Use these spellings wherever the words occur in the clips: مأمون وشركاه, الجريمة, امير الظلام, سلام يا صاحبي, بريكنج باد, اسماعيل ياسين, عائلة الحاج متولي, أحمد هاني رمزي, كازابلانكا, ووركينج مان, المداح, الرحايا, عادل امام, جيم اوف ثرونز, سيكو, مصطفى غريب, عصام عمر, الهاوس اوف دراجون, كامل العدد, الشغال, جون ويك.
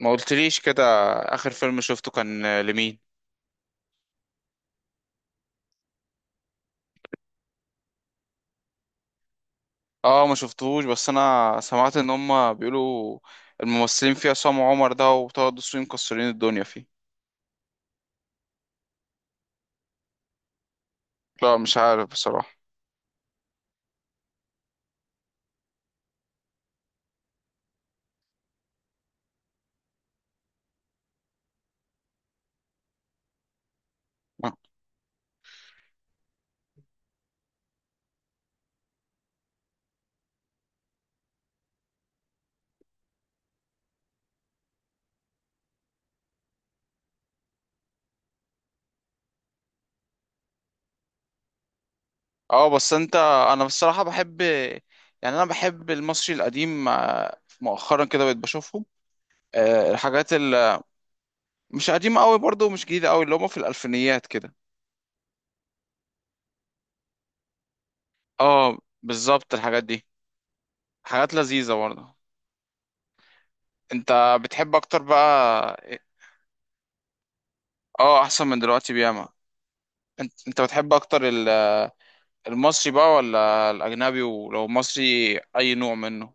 ما قلتليش كده. اخر فيلم شفته كان لمين؟ اه ما شفتهوش، بس انا سمعت ان هم بيقولوا الممثلين فيه عصام عمر ده وطه دسوقي مكسرين الدنيا فيه. لا مش عارف بصراحة. اه، بس انا بصراحة بحب، يعني انا بحب المصري القديم. مؤخرا كده بقيت بشوفهم، الحاجات اللي مش قديمة قوي برضه ومش جديدة قوي، اللي هم في الالفينيات كده. اه بالظبط الحاجات دي، حاجات لذيذة برضه. انت بتحب اكتر بقى إيه؟ اه احسن من دلوقتي بياما. انت بتحب اكتر المصري بقى ولا الاجنبي؟ ولو مصري اي نوع منه؟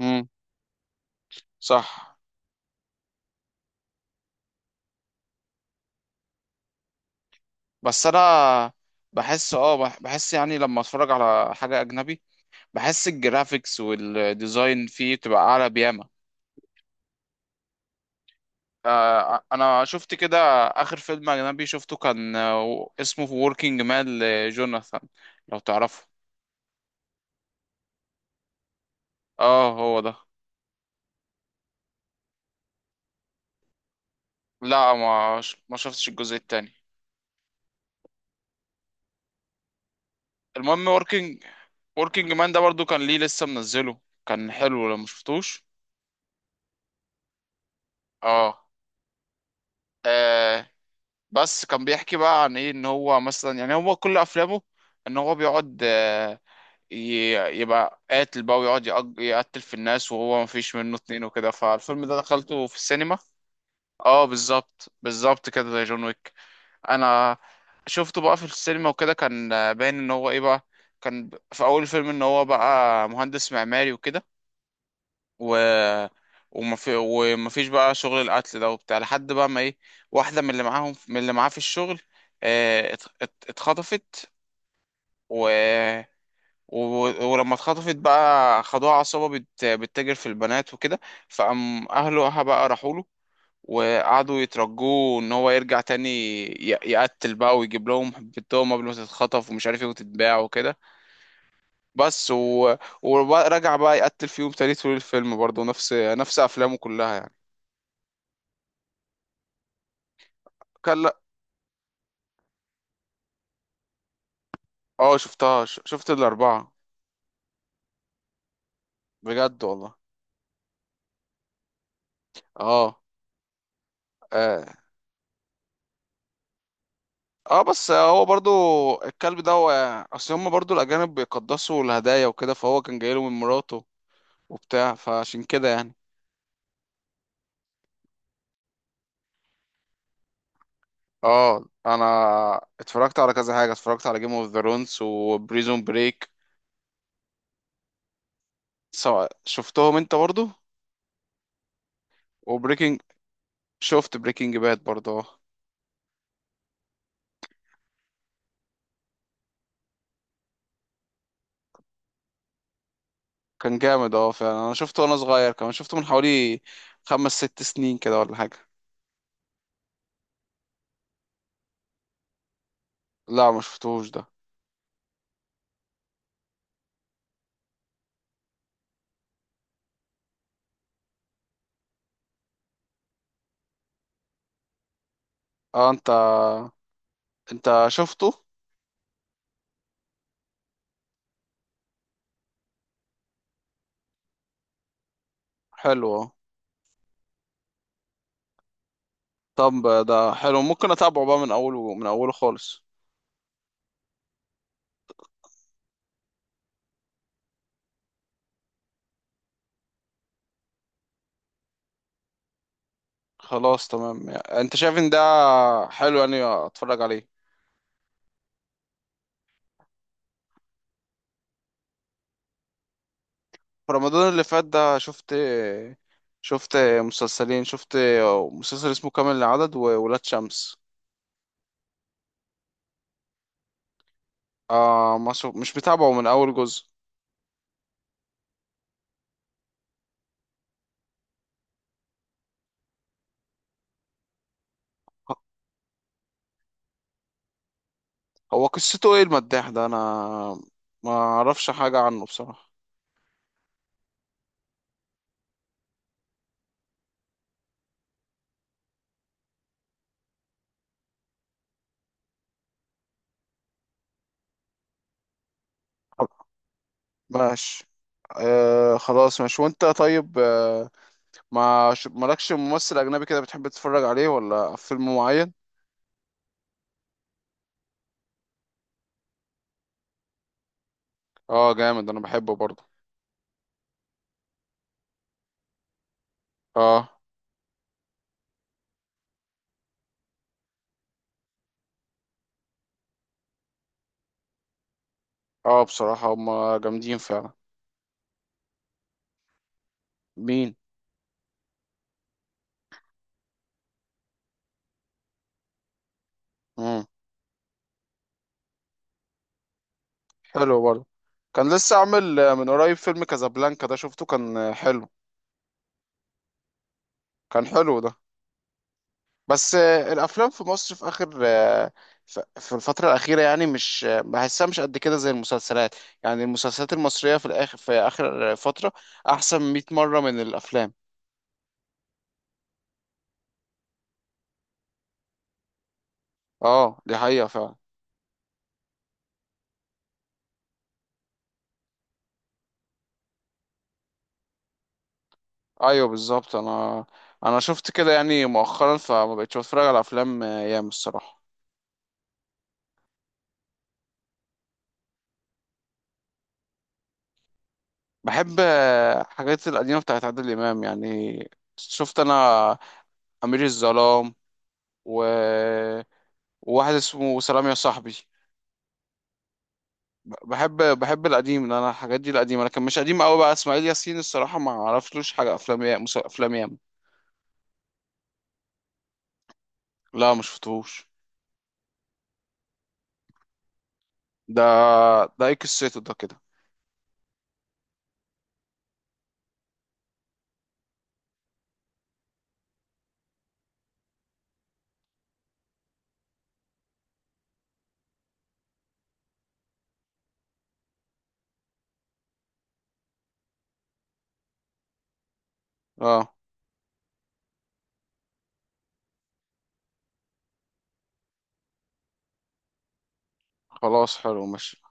امم، صح. بس انا بحس، اه بحس يعني، لما اتفرج على حاجة اجنبي بحس الجرافيكس والديزاين فيه بتبقى اعلى بياما. انا شفت كده. اخر فيلم اجنبي شفته كان اسمه ووركينج مان لجوناثان، لو تعرفه. اه هو ده. لا ما شفتش الجزء التاني. المهم وركينج، وركينج مان ده برضو كان ليه لسه منزله. كان حلو لو مشفتوش. اه، آه، بس كان بيحكي بقى عن ايه، ان هو مثلا يعني، هو كل افلامه ان هو بيقعد، يبقى قاتل بقى ويقعد يقتل في الناس وهو مفيش منه اتنين وكده. فالفيلم ده دخلته في السينما. اه بالظبط، بالظبط كده زي جون ويك. انا شفته بقى في السينما وكده، كان باين ان هو ايه بقى. كان في اول الفيلم ان هو بقى مهندس معماري وكده، و وما فيش بقى شغل القتل ده وبتاع، لحد بقى ما ايه، واحده من اللي معاهم، من اللي معاه في الشغل، اتخطفت. و... و... ولما اتخطفت بقى خدوها عصابه بتتاجر في البنات وكده. فقام اهله بقى راحوا له وقعدوا يترجوه ان هو يرجع تاني، يقتل بقى ويجيب لهم حبتهم قبل ما تتخطف ومش عارف ايه وتتباع وكده. بس و... ورجع بقى يقتل فيهم تاني طول الفيلم، برضه نفس افلامه كلها يعني. كلا. اه شفتها، شفت الأربعة. بجد والله. اه. اه. اه بس هو برضو الكلب ده، هو اصل هما برضو الأجانب بيقدسوا الهدايا وكده، فهو كان جايله من مراته وبتاع، فعشان كده يعني. اه انا اتفرجت على كذا حاجة، اتفرجت على جيم اوف ثرونز وبريزون بريك، سواء شفتهم انت برضو. وبريكنج، شفت بريكنج باد برضو اه. كان جامد اه فعلا، انا شفته وانا صغير، كمان شفته من حوالي خمس ست سنين كده ولا حاجة. لا ما شفتوش ده. اه انت، انت شفته. حلو. طب ده حلو، ممكن اتابعه بقى من اوله، خالص. خلاص تمام، يعني انت شايف ان ده حلو يعني اتفرج عليه. في رمضان اللي فات ده شفت، شفت مسلسلين، شفت مسلسل اسمه كامل العدد وولاد شمس. آه ما شف... مش متابعه من اول جزء. هو قصته ايه المداح ده؟ انا ما اعرفش حاجة عنه بصراحة. ماشي. آه خلاص ماشي. وانت طيب، ما ش- مالكش ممثل اجنبي كده بتحب تتفرج عليه، ولا في فيلم معين؟ اه جامد، انا بحبه برضه. اه. اه بصراحة هما جامدين فعلا. مين؟ مم. حلو برضه. كان لسه عامل، من قريب، فيلم كازابلانكا ده شفته، كان حلو. كان حلو ده. بس الافلام في مصر في اخر، في الفترة الأخيرة يعني، مش بحسها مش قد كده زي المسلسلات. يعني المسلسلات المصرية في الآخر، في آخر فترة، أحسن 100 مرة من الأفلام. اه دي حقيقة فعلا. ايوه بالظبط. انا انا شفت كده يعني مؤخرا، فما بقتش بتفرج على افلام ايام الصراحه. بحب حاجات القديمه بتاعت عادل امام يعني. شفت انا امير الظلام و... وواحد اسمه سلام يا صاحبي. بحب القديم، لأن انا الحاجات دي القديمه، لكن مش قديم قوي بقى اسماعيل ياسين، الصراحه ما عرفتلوش حاجه، افلام افلام ياما. لا ما شفتهوش ده. ده ايه قصته ده كده؟ اه خلاص حلو ماشي.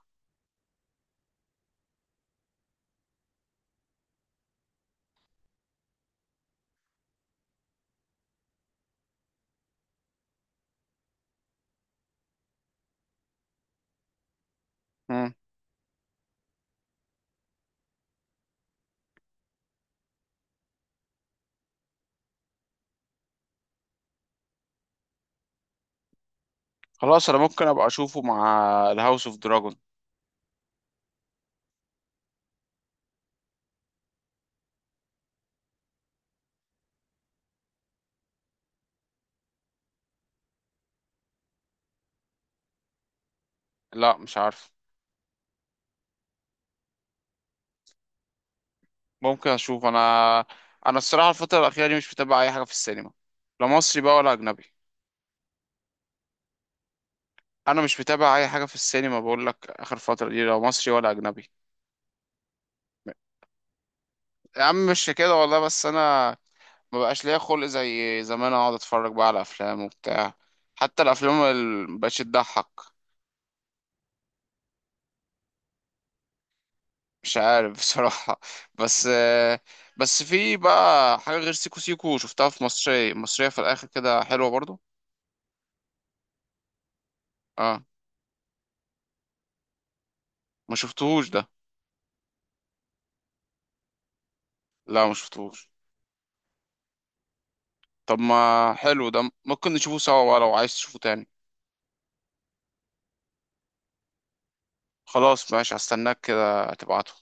خلاص انا ممكن ابقى اشوفه مع الهاوس اوف دراجون. لا مش عارف. ممكن اشوف. انا، انا الصراحه الفتره الاخيره دي مش متابع اي حاجه في السينما، لا مصري بقى ولا اجنبي. انا مش متابع اي حاجه في السينما بقول لك، اخر فتره دي، لا مصري ولا اجنبي. يا عم مش كده والله. بس انا ما بقاش ليا خلق زي زمان اقعد اتفرج بقى على افلام وبتاع. حتى الافلام اللي مبقتش تضحك، مش عارف بصراحه بس بس في بقى حاجه غير سيكو سيكو شفتها، في مصري، مصريه في الاخر كده حلوه برضو. اه ما شفتهوش ده. لا ما شفتهوش. طب ما حلو ده، ممكن نشوفه سوا بقى لو عايز تشوفه تاني. خلاص ماشي، هستناك كده تبعته.